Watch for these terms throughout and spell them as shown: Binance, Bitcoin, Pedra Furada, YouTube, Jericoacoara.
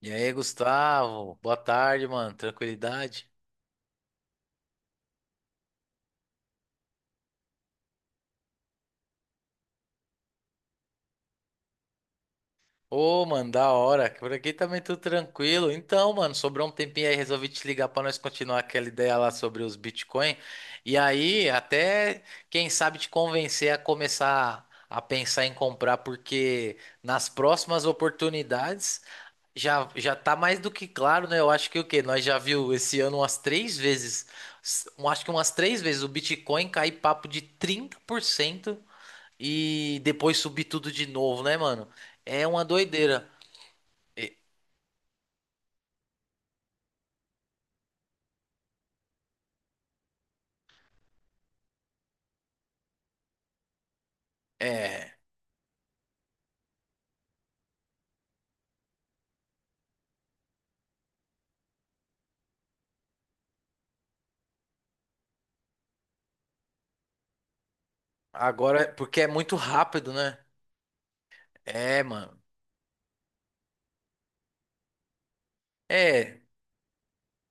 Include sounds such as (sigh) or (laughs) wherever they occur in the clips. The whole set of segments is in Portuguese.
E aí, Gustavo? Boa tarde, mano. Tranquilidade? Ô, mano, da hora. Por aqui também tudo tranquilo. Então, mano, sobrou um tempinho aí, resolvi te ligar pra nós continuar aquela ideia lá sobre os Bitcoin. E aí, até quem sabe te convencer a começar a pensar em comprar, porque nas próximas oportunidades já já tá mais do que claro, né? Eu acho que o quê? Nós já viu esse ano umas três vezes, acho que umas três vezes o Bitcoin cair papo de 30%. E depois subir tudo de novo, né, mano? É uma doideira. E- É, agora, porque é muito rápido, né? É, mano. É,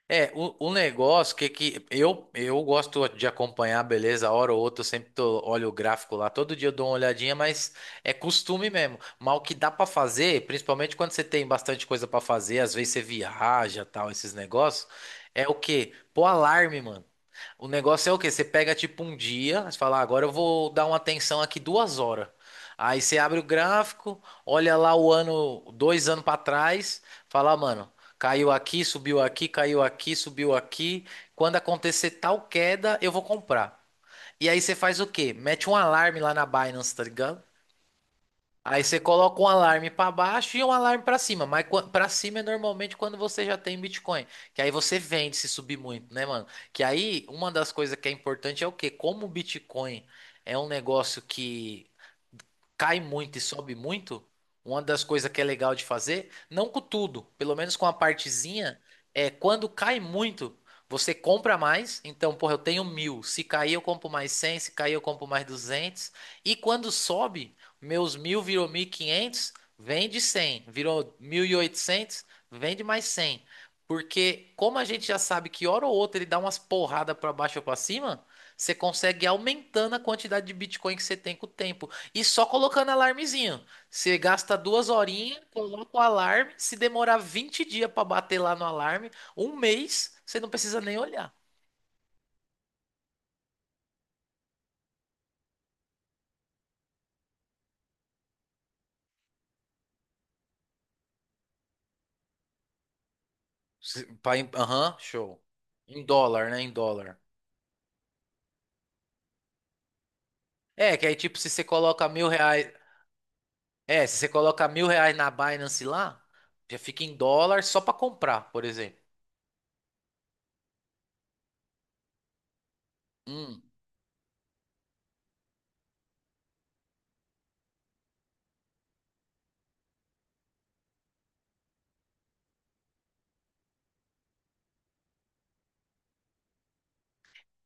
é, o negócio que eu gosto de acompanhar, beleza. A hora ou outra, eu sempre tô, olho o gráfico lá, todo dia eu dou uma olhadinha, mas é costume mesmo. Mas o que dá pra fazer, principalmente quando você tem bastante coisa pra fazer, às vezes você viaja, tal, esses negócios, é o quê? Pô, alarme, mano. O negócio é o quê? Você pega tipo um dia, você fala, "Ah, agora eu vou dar uma atenção aqui 2 horas." Aí você abre o gráfico, olha lá o ano, 2 anos para trás, fala, "Ah, mano, caiu aqui, subiu aqui, caiu aqui, subiu aqui. Quando acontecer tal queda, eu vou comprar." E aí você faz o quê? Mete um alarme lá na Binance, tá ligado? Aí você coloca um alarme para baixo e um alarme para cima, mas para cima é normalmente quando você já tem Bitcoin, que aí você vende se subir muito, né, mano? Que aí uma das coisas que é importante é o quê? Como o Bitcoin é um negócio que cai muito e sobe muito, uma das coisas que é legal de fazer, não com tudo, pelo menos com a partezinha, é quando cai muito, você compra mais. Então, porra, eu tenho mil. Se cair, eu compro mais 100. Se cair, eu compro mais 200. E quando sobe, meus mil virou 1.500, vende cem. Virou 1.800, vende mais 100. Porque, como a gente já sabe que hora ou outra ele dá umas porradas para baixo ou para cima, você consegue ir aumentando a quantidade de Bitcoin que você tem com o tempo. E só colocando alarmezinho. Você gasta duas horinhas, coloca o alarme. Se demorar 20 dias pra bater lá no alarme, um mês, você não precisa nem olhar. Aham, show. Em dólar, né? Em dólar. É, que aí tipo, se você coloca R$ 1.000. É, se você coloca mil reais na Binance lá, já fica em dólar só pra comprar, por exemplo. Hum.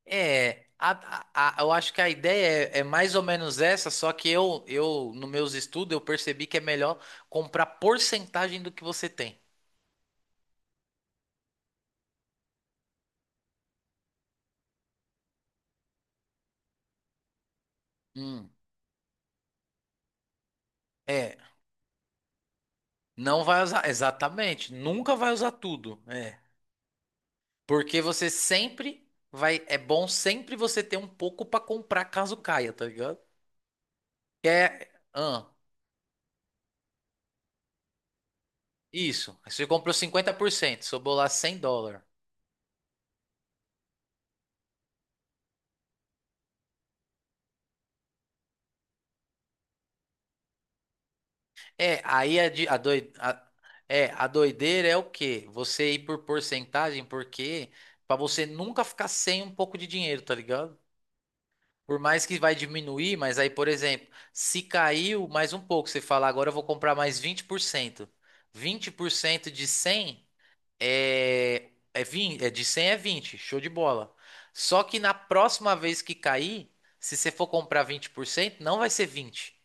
É, eu acho que a ideia é mais ou menos essa, só que eu nos meus estudos, eu percebi que é melhor comprar porcentagem do que você tem. Hum, é, não vai usar, exatamente, nunca vai usar tudo, é. Porque você sempre vai, é bom sempre você ter um pouco pra comprar caso caia, tá ligado? Que é, ah, isso, você comprou 50%, sobrou lá US$ 100. É, aí a doideira é o quê? Você ir por porcentagem, porque pra você nunca ficar sem um pouco de dinheiro, tá ligado? Por mais que vai diminuir, mas aí, por exemplo, se caiu mais um pouco, você fala, agora eu vou comprar mais vinte. Vinte por cento. Vinte por cento de 100 é 20, é de 100 é 20, show de bola. Só que na próxima vez que cair, se você for comprar 20%, não vai ser 20.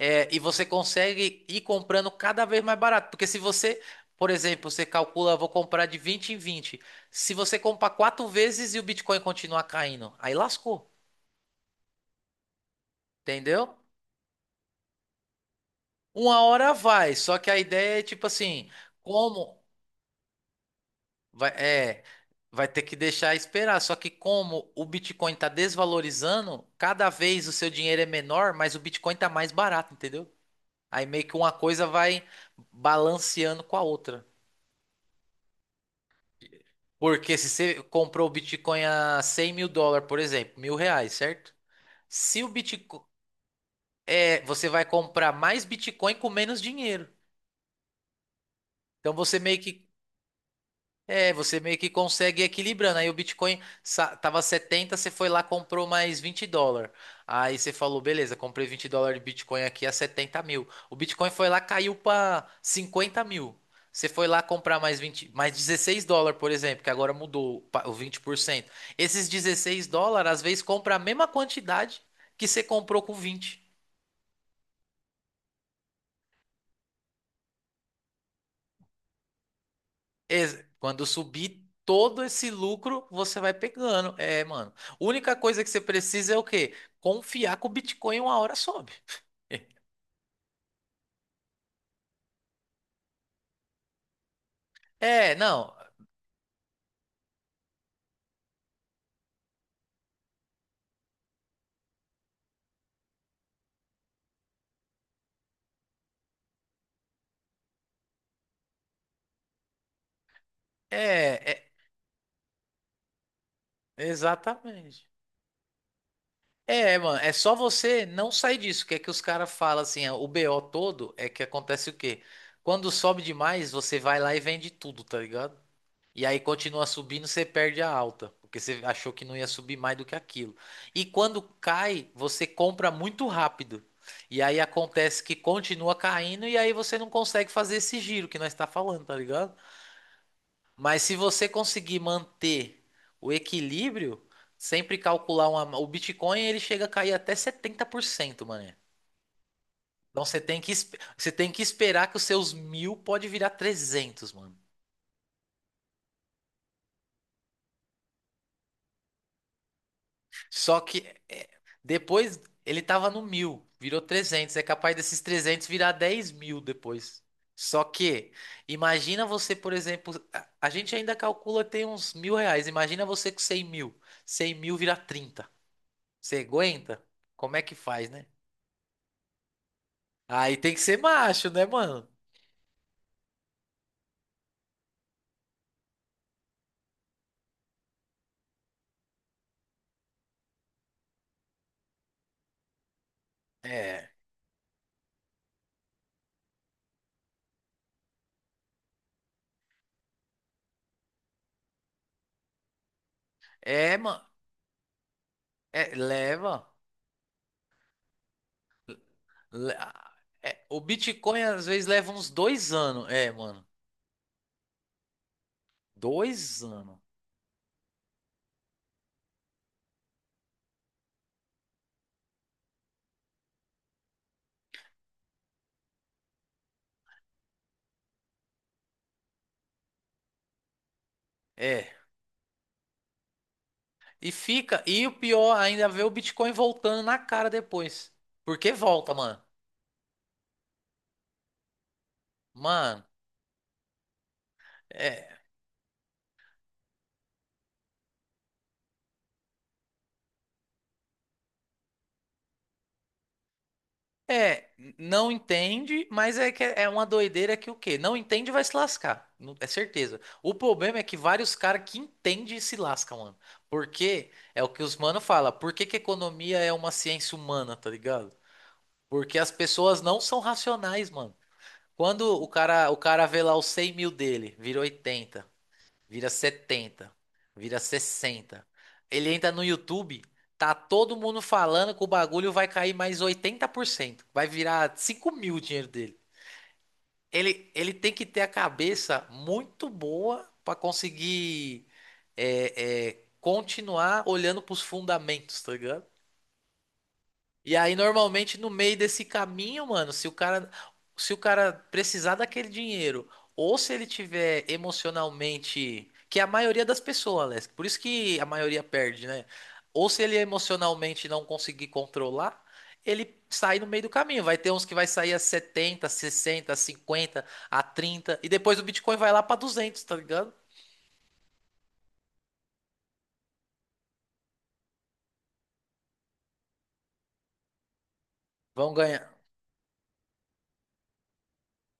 É, e você consegue ir comprando cada vez mais barato. Porque se você, por exemplo, você calcula, vou comprar de 20 em 20. Se você comprar quatro vezes e o Bitcoin continuar caindo, aí lascou, entendeu? Uma hora vai, só que a ideia é tipo assim, como vai, é, vai ter que deixar esperar. Só que como o Bitcoin está desvalorizando, cada vez o seu dinheiro é menor, mas o Bitcoin está mais barato, entendeu? Aí meio que uma coisa vai balanceando com a outra. Porque se você comprou o Bitcoin a US$ 100.000, por exemplo, mil reais, certo? Se o Bitcoin. É, você vai comprar mais Bitcoin com menos dinheiro. Então você meio que É, você meio que consegue ir equilibrando. Aí o Bitcoin tava 70, você foi lá, comprou mais US$ 20. Aí você falou, beleza, comprei US$ 20 de Bitcoin aqui a 70.000. O Bitcoin foi lá, caiu para 50.000. Você foi lá comprar mais 20, mais US$ 16, por exemplo, que agora mudou o 20%. Esses US$ 16, às vezes, compra a mesma quantidade que você comprou com 20. Quando subir todo esse lucro, você vai pegando. É, mano. Única coisa que você precisa é o quê? Confiar que o Bitcoin uma hora sobe. (laughs) É, não. É, é, exatamente. É, mano, é só você não sair disso. Que é que os caras falam assim, ó, o BO todo é que acontece o quê? Quando sobe demais, você vai lá e vende tudo, tá ligado? E aí continua subindo, você perde a alta, porque você achou que não ia subir mais do que aquilo. E quando cai, você compra muito rápido. E aí acontece que continua caindo e aí você não consegue fazer esse giro que nós está falando, tá ligado? Mas se você conseguir manter o equilíbrio, sempre calcular uma, o Bitcoin, ele chega a cair até 70%, mano. Então você tem que, você tem que esperar que os seus mil pode virar 300, mano. Só que é, depois ele tava no mil, virou trezentos. É capaz desses 300 virar 10.000 depois. Só que, imagina você, por exemplo, a gente ainda calcula que tem uns R$ 1.000. Imagina você com 100.000. 100.000 vira trinta. Você aguenta? Como é que faz, né? Aí tem que ser macho, né, mano? É, é, mano. É, leva. Le- é, o Bitcoin às vezes leva uns 2 anos. É, mano. 2 anos. É. E fica, e o pior ainda é ver o Bitcoin voltando na cara depois. Porque volta, mano. Mano, é, é, não entende, mas é que é uma doideira que o quê? Não entende vai se lascar, é certeza. O problema é que vários caras que entendem se lascam, mano. Porque é o que os mano fala, por que que economia é uma ciência humana, tá ligado? Porque as pessoas não são racionais, mano. Quando o cara vê lá os 100 mil dele, vira 80. Vira 70, vira 60. Ele entra no YouTube, tá todo mundo falando que o bagulho vai cair mais 80%. Vai virar 5.000 o dinheiro dele. Ele tem que ter a cabeça muito boa para conseguir continuar olhando para os fundamentos, tá ligado? E aí, normalmente, no meio desse caminho, mano, se o cara precisar daquele dinheiro, ou se ele tiver emocionalmente, que é a maioria das pessoas, Alex, por isso que a maioria perde, né? Ou se ele emocionalmente não conseguir controlar, ele sai no meio do caminho. Vai ter uns que vai sair a setenta, sessenta, cinquenta, a 30 e depois o Bitcoin vai lá pra duzentos, tá ligado? Vão ganhar.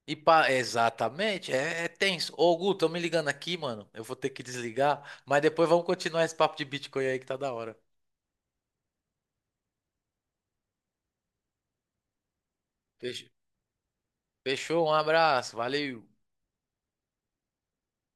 Exatamente, é tenso. Ô, Gu, estão me ligando aqui, mano. Eu vou ter que desligar, mas depois vamos continuar esse papo de Bitcoin aí que tá da hora. Fech- Fechou, um abraço, valeu.